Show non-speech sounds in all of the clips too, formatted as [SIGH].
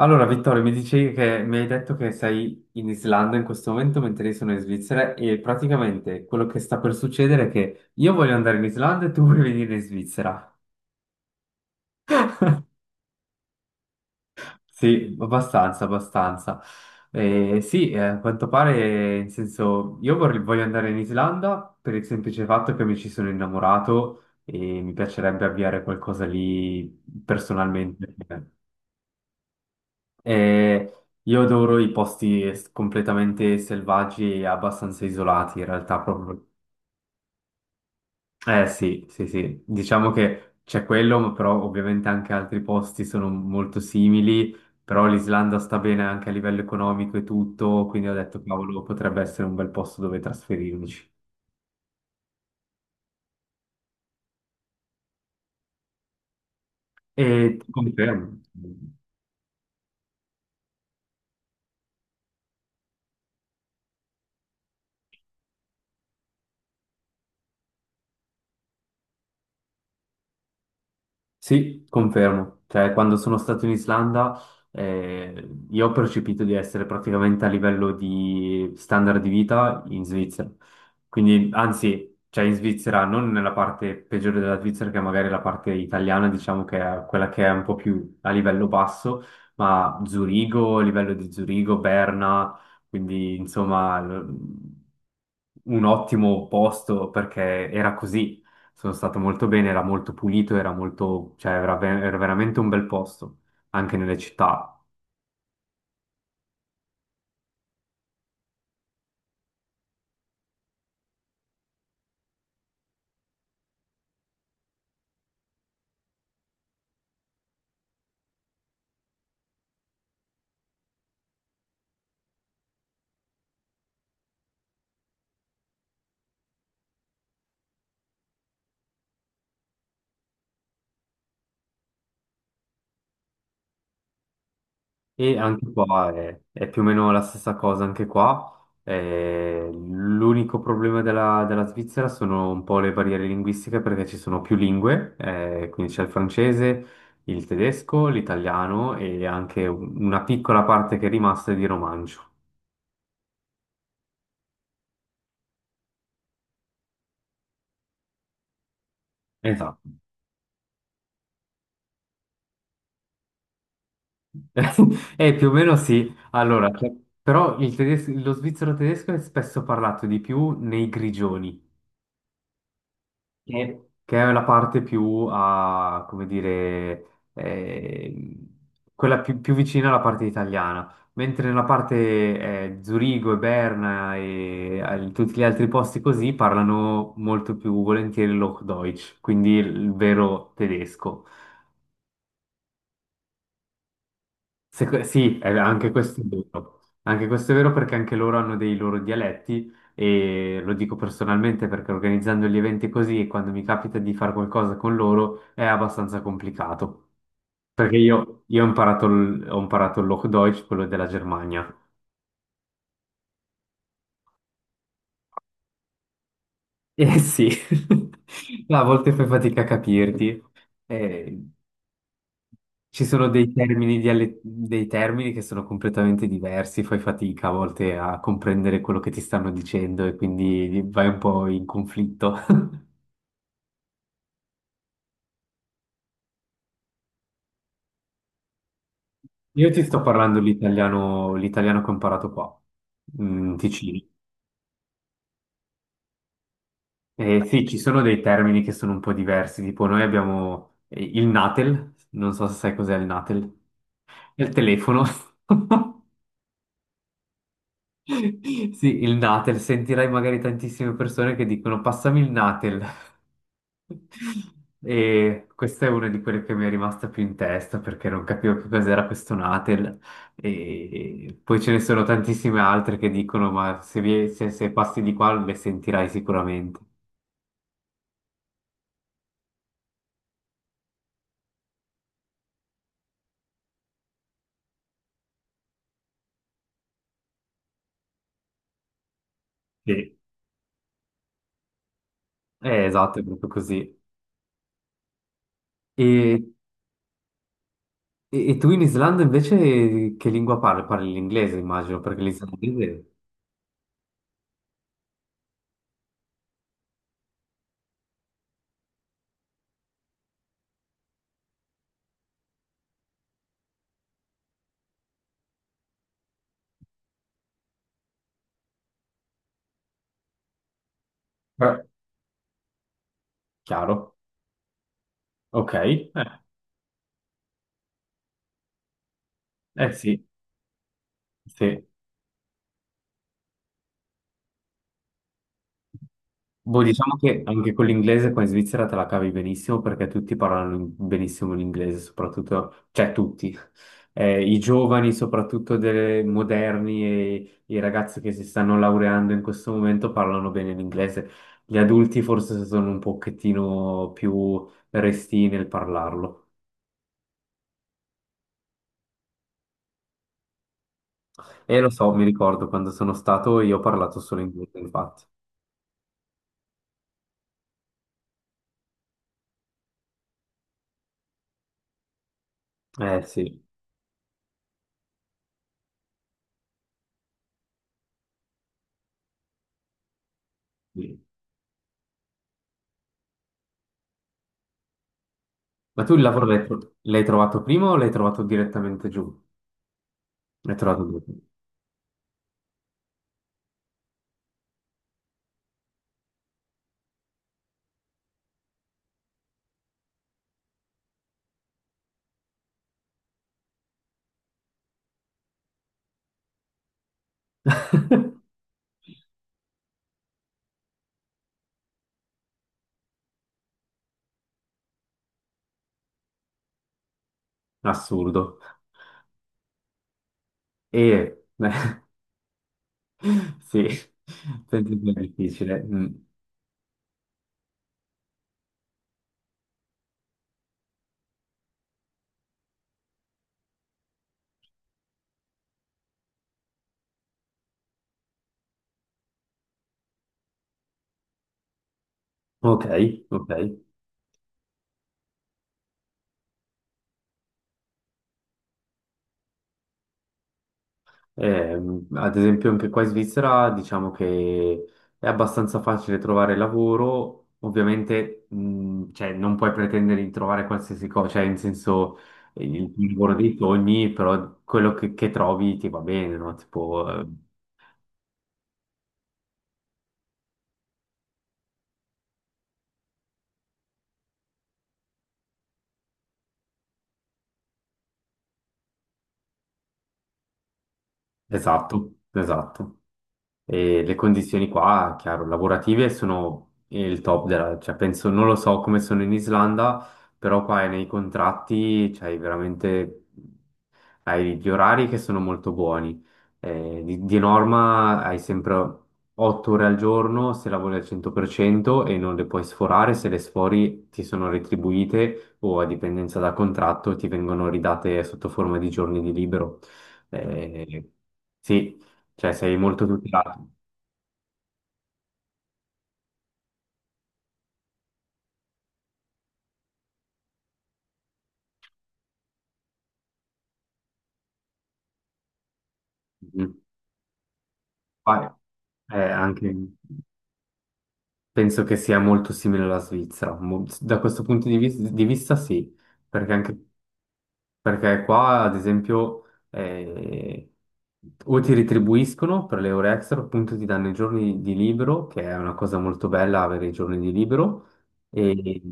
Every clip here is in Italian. Allora, Vittorio, mi dicevi che mi hai detto che sei in Islanda in questo momento, mentre io sono in Svizzera, e praticamente quello che sta per succedere è che io voglio andare in Islanda e tu vuoi venire in Svizzera. Sì, abbastanza, abbastanza. Eh sì, a quanto pare, in senso, voglio andare in Islanda per il semplice fatto che mi ci sono innamorato e mi piacerebbe avviare qualcosa lì personalmente. Eh, io adoro completamente selvaggi e abbastanza isolati, in realtà proprio. Eh sì, sì, sì, diciamo che c'è quello, ma però ovviamente anche altri posti sono molto simili, però l'Islanda sta bene anche a livello economico e tutto, quindi ho detto, cavolo, potrebbe essere un bel posto dove trasferirmici. E ti confermo. Sì, confermo. Cioè, quando sono stato in Islanda, io ho percepito di essere praticamente a livello di standard di vita in Svizzera. Quindi, anzi, cioè in Svizzera, non nella parte peggiore della Svizzera, che è magari la parte italiana, diciamo che è quella che è un po' più a livello basso, ma Zurigo, livello di Zurigo, Berna, quindi insomma, un ottimo posto perché era così. Sono stato molto bene, era molto pulito, era molto, cioè era, era veramente un bel posto, anche nelle città. E anche qua è più o meno la stessa cosa, anche qua. L'unico problema della Svizzera sono un po' le barriere linguistiche perché ci sono più lingue, quindi c'è il francese, il tedesco, l'italiano e anche una piccola parte che è rimasta è di romancio. Esatto. [LAUGHS] Più o meno sì. Allora, però lo svizzero tedesco è spesso parlato di più nei grigioni, che è la parte più a, come dire, quella più vicina alla parte italiana, mentre nella parte Zurigo e Berna e tutti gli altri posti così parlano molto più volentieri il Hochdeutsch, quindi il vero tedesco. Sì, anche questo è vero. Anche questo è vero perché anche loro hanno dei loro dialetti e lo dico personalmente perché organizzando gli eventi così e quando mi capita di fare qualcosa con loro è abbastanza complicato. Perché io ho imparato ho imparato il Hochdeutsch, quello della Germania. Eh sì, [LAUGHS] a volte fai fatica a capirti. Eh, Ci sono dei termini, dei termini che sono completamente diversi, fai fatica a volte a comprendere quello che ti stanno dicendo e quindi vai un po' in conflitto. [LAUGHS] Io ti sto parlando l'italiano che ho imparato qua, in Ticino. Eh sì, ci sono dei termini che sono un po' diversi, tipo noi abbiamo il natel, non so se sai cos'è il natel, è il telefono. [LAUGHS] Sì, il natel, sentirai magari tantissime persone che dicono passami il natel. E questa è una di quelle che mi è rimasta più in testa perché non capivo più cos'era questo Natel. E poi ce ne sono tantissime altre che dicono: ma se, se passi di qua le sentirai sicuramente. Sì. Esatto, è proprio così. E, e tu in Islanda invece che lingua parli? Parli l'inglese, immagino, perché l'islandese è... Beh, chiaro. Ok, eh sì, sì. Boh, diciamo che anche con l'inglese qua in Svizzera te la cavi benissimo perché tutti parlano benissimo l'inglese, soprattutto, cioè tutti, eh, i giovani, soprattutto dei moderni e i ragazzi che si stanno laureando in questo momento parlano bene l'inglese. Gli adulti forse sono un pochettino più restii nel parlarlo. E lo so, mi ricordo quando sono stato io ho parlato solo inglese, infatti. Eh sì, sì. Ma tu il lavoro l'hai trovato prima o l'hai trovato direttamente giù? L'hai trovato giù. Assurdo. E [LAUGHS] sì, senti che è difficile. Mm. Ok, ok. Ad esempio anche qua in Svizzera diciamo che è abbastanza facile trovare lavoro, ovviamente cioè, non puoi pretendere di trovare qualsiasi cosa, cioè in senso il tuo lavoro dei sogni, però quello che trovi ti va bene, no? Tipo, esatto, esatto. E le condizioni qua, chiaro, lavorative sono il top della, cioè penso, non lo so come sono in Islanda, però qua è nei contratti c'hai veramente, hai gli orari che sono molto buoni. Di norma hai sempre 8 ore al giorno se lavori al 100% e non le puoi sforare, se le sfori ti sono retribuite o a dipendenza da contratto ti vengono ridate sotto forma di giorni di libero. Eh sì, cioè sei molto tutelato. Mhm. Vai. Anche, penso che sia molto simile alla Svizzera, da questo punto di, di vista sì, perché anche... Perché qua, ad esempio, eh, o ti retribuiscono per le ore extra, appunto ti danno i giorni di libero, che è una cosa molto bella avere i giorni di libero. E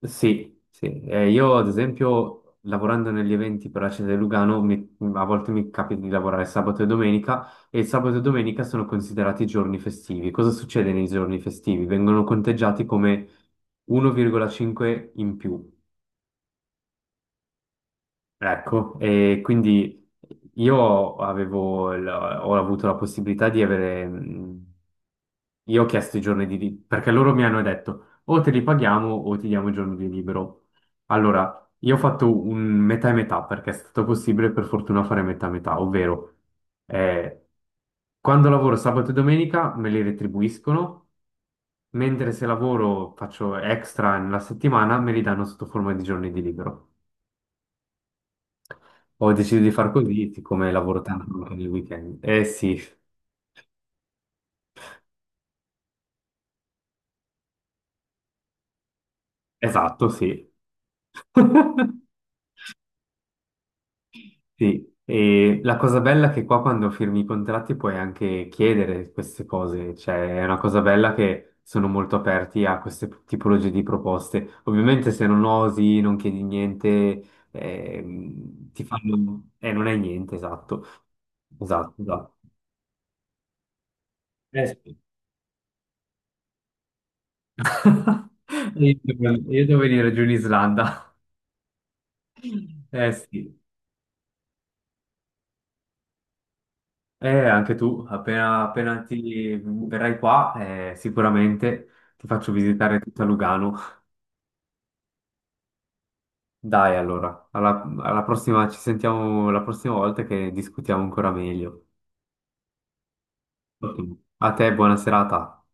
sì, sì. Io, ad esempio, lavorando negli eventi per la città di Lugano, a volte mi capita di lavorare sabato e domenica, e il sabato e domenica sono considerati giorni festivi. Cosa succede nei giorni festivi? Vengono conteggiati come 1,5 in più. Ecco, e quindi io avevo, ho avuto la possibilità di avere, io ho chiesto i giorni di libero, perché loro mi hanno detto o te li paghiamo o ti diamo i giorni di libero. Allora, io ho fatto un metà e metà, perché è stato possibile per fortuna fare metà e metà, ovvero eh, quando lavoro sabato e domenica me li retribuiscono, mentre se lavoro faccio extra nella settimana me li danno sotto forma di giorni di libero. Ho deciso di far così, siccome lavoro tanto anche nel weekend. Eh sì, esatto, sì. [LAUGHS] Sì, e la cosa bella è che qua quando firmi i contratti puoi anche chiedere queste cose, cioè è una cosa bella che sono molto aperti a queste tipologie di proposte. Ovviamente se non osi, non chiedi niente, ti fanno... non è niente, esatto. Esatto, esatto. Eh sì. [LAUGHS] Io devo venire giù in Islanda. [LAUGHS] Eh sì. Anche tu, appena ti verrai qua, sicuramente ti faccio visitare tutta Lugano. Dai, allora, alla prossima, ci sentiamo la prossima volta che discutiamo ancora meglio. Ottimo. A te, buona serata.